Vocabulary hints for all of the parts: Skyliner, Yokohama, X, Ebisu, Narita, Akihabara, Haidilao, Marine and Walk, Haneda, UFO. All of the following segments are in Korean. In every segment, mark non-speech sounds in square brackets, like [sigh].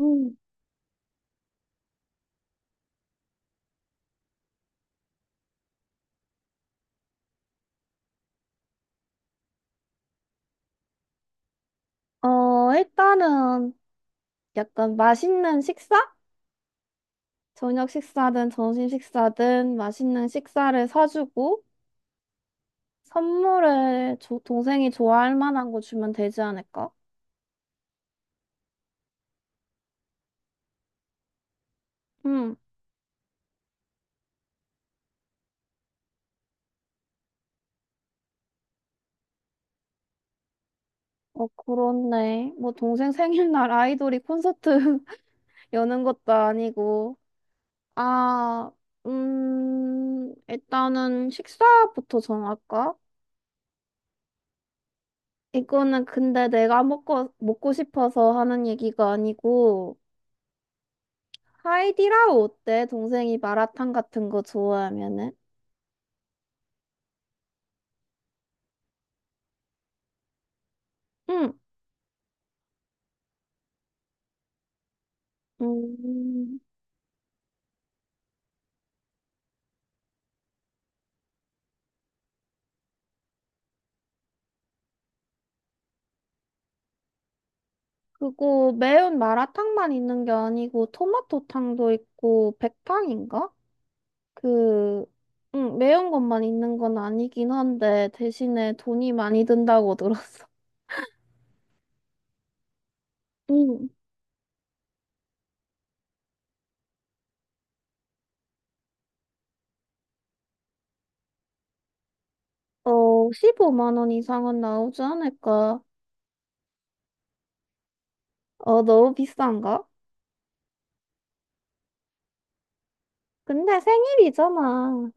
음. 어, 일단은 약간 맛있는 식사? 저녁 식사든 점심 식사든 맛있는 식사를 사주고 선물을 동생이 좋아할 만한 거 주면 되지 않을까? 음. 어, 그렇네. 뭐 동생 생일날 아이돌이 콘서트 [laughs] 여는 것도 아니고. 아, 일단은 식사부터 정할까? 이거는 근데 내가 먹고 싶어서 하는 얘기가 아니고 하이디라우 어때? 동생이 마라탕 같은 거 좋아하면은? 응. 음, 그거 매운 마라탕만 있는 게 아니고 토마토탕도 있고 백탕인가? 그, 응, 매운 것만 있는 건 아니긴 한데 대신에 돈이 많이 든다고 들었어. 응. 어, 15만 원 이상은 나오지 않을까? 어, 너무 비싼가? 근데 생일이잖아.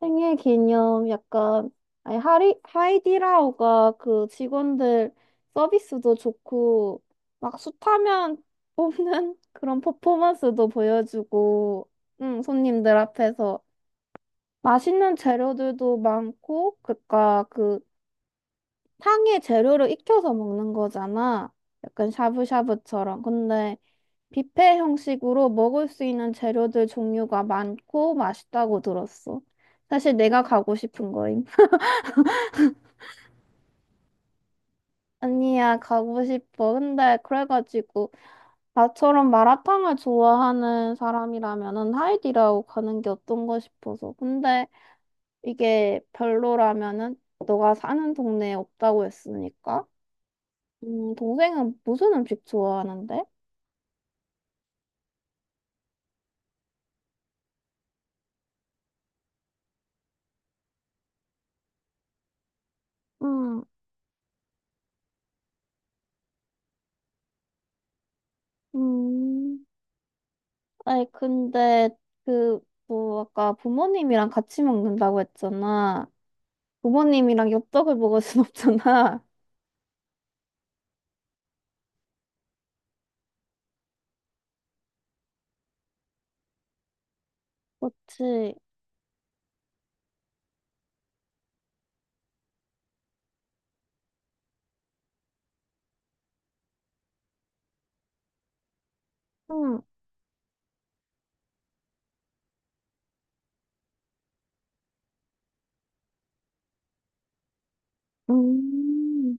생일 기념 약간 아니 하이디라오가 그 직원들 서비스도 좋고 막 숱하면 뽑는 [laughs] 그런 퍼포먼스도 보여주고 응, 손님들 앞에서 맛있는 재료들도 많고 그니까 그 탕에 재료를 익혀서 먹는 거잖아. 약간 샤브샤브처럼. 근데 뷔페 형식으로 먹을 수 있는 재료들 종류가 많고 맛있다고 들었어. 사실 내가 가고 싶은 거임. 아니야, 가고 싶어. 근데 그래가지고 나처럼 마라탕을 좋아하는 사람이라면은 하이디라고 가는 게 어떤가 싶어서. 근데 이게 별로라면은 너가 사는 동네에 없다고 했으니까. 동생은 무슨 음식 좋아하는데? 음, 음. 아니, 근데 그, 뭐, 아까 부모님이랑 같이 먹는다고 했잖아. 부모님이랑 엽떡을 먹을 순 없잖아. [laughs] 그치. 응. 음.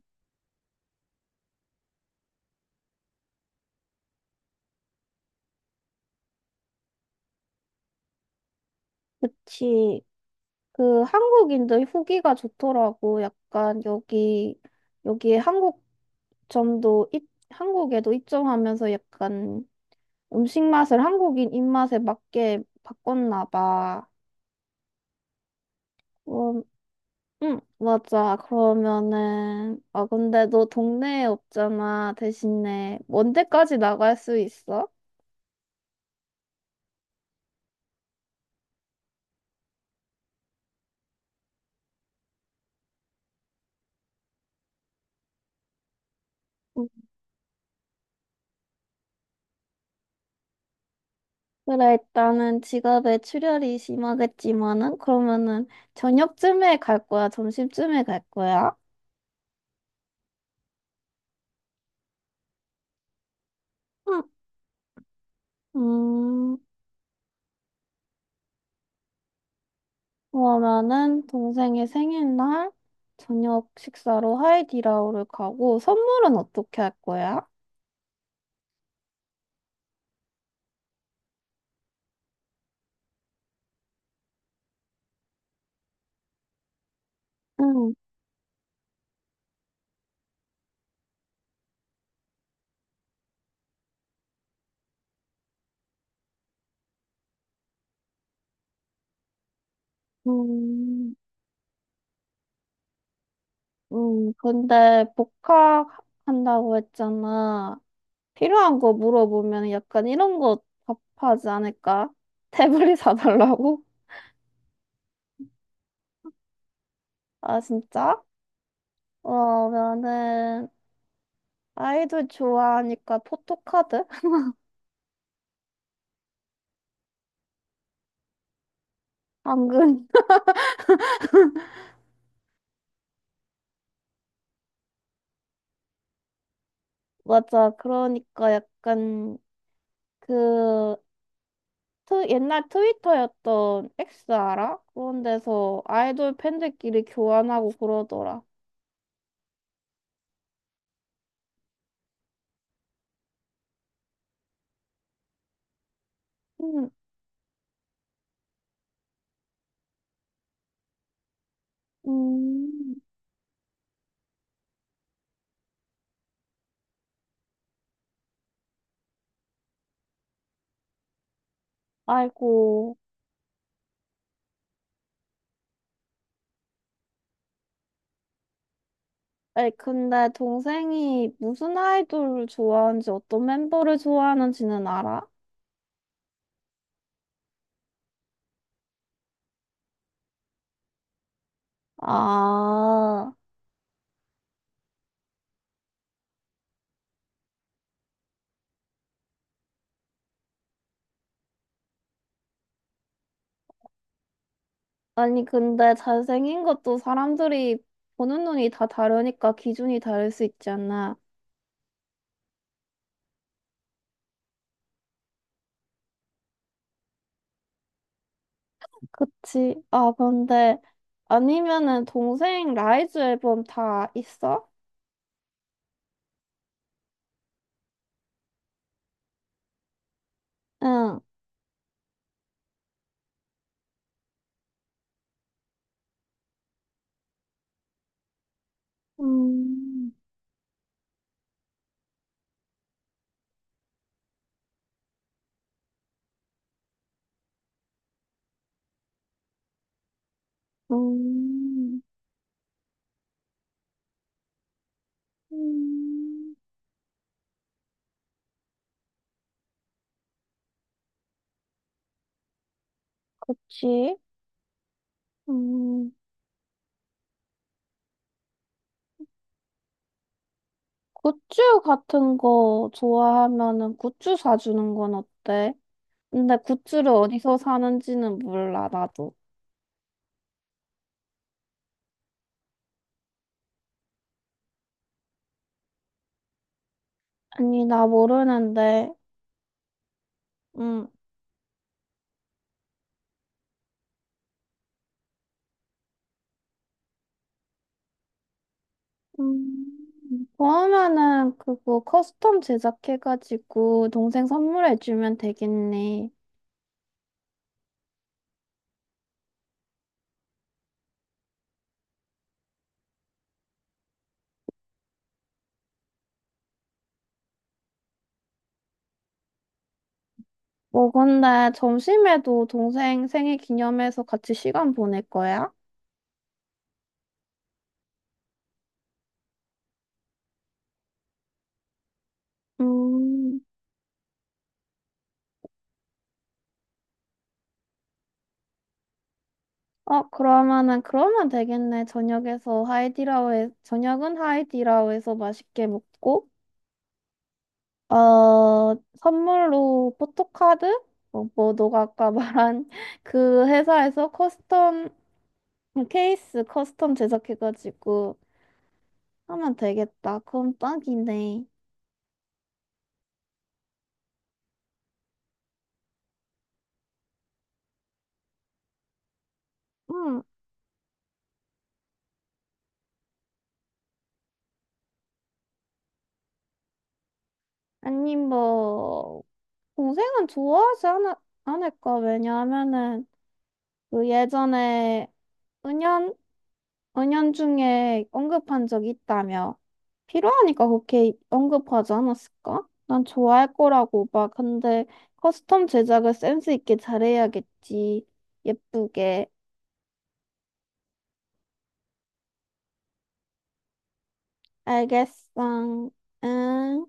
그치. 그 한국인들 후기가 좋더라고. 약간 여기에 한국점도 한국에도 입점하면서 약간 음식 맛을 한국인 입맛에 맞게 바꿨나 봐. 음 응, 맞아. 그러면은, 아, 근데 너 동네에 없잖아. 대신에, 언제까지 나갈 수 있어? 그래, 일단은 지갑에 출혈이 심하겠지만은, 그러면은 저녁쯤에 갈 거야? 점심쯤에 갈 거야? 응, 음, 그러면은 동생의 생일날 저녁 식사로 하이디라오를 가고, 선물은 어떻게 할 거야? 응, 음, 근데 복학한다고 했잖아. 필요한 거 물어보면 약간 이런 거 답하지 않을까? [laughs] 태블릿 사달라고? 아, 진짜? 어, 나는 아이돌 좋아하니까 포토카드? [laughs] 방금. [laughs] 맞아. 그러니까 약간 그 옛날 트위터였던 X 알아? 그런 데서 아이돌 팬들끼리 교환하고 그러더라. 음, 음. 아이고. 아니, 근데 동생이 무슨 아이돌을 좋아하는지 어떤 멤버를 좋아하는지는 알아? 아. 아니, 근데 잘생긴 것도 사람들이 보는 눈이 다 다르니까 기준이 다를 수 있지 않나. 그치? 아, 근데 아니면은 동생 라이즈 앨범 다 있어? 응. 음, 음, 음, 그치? 음, 굿즈 같은 거 좋아하면은 굿즈 사주는 건 어때? 근데 굿즈를 어디서 사는지는 몰라, 나도. 아니, 나 모르는데. 음. 음, 그러면은 그거 커스텀 제작해가지고 동생 선물해주면 되겠네. 뭐 근데 점심에도 동생 생일 기념해서 같이 시간 보낼 거야? 음, 어, 그러면은 그러면 되겠네. 저녁은 하이디라오에서 맛있게 먹고, 어, 선물로 포토카드? 뭐, 뭐 너가 아까 말한 [laughs] 그 회사에서 커스텀 케이스 커스텀 제작해가지고 하면 되겠다. 그럼 딱이네. 응, 아니, 뭐, 동생은 않을까? 왜냐하면은, 그 예전에 은연, 은연 중에 언급한 적이 있다며. 필요하니까 그렇게 언급하지 않았을까? 난 좋아할 거라고 봐. 근데 커스텀 제작을 센스 있게 잘해야겠지. 예쁘게. 알겠어. 응.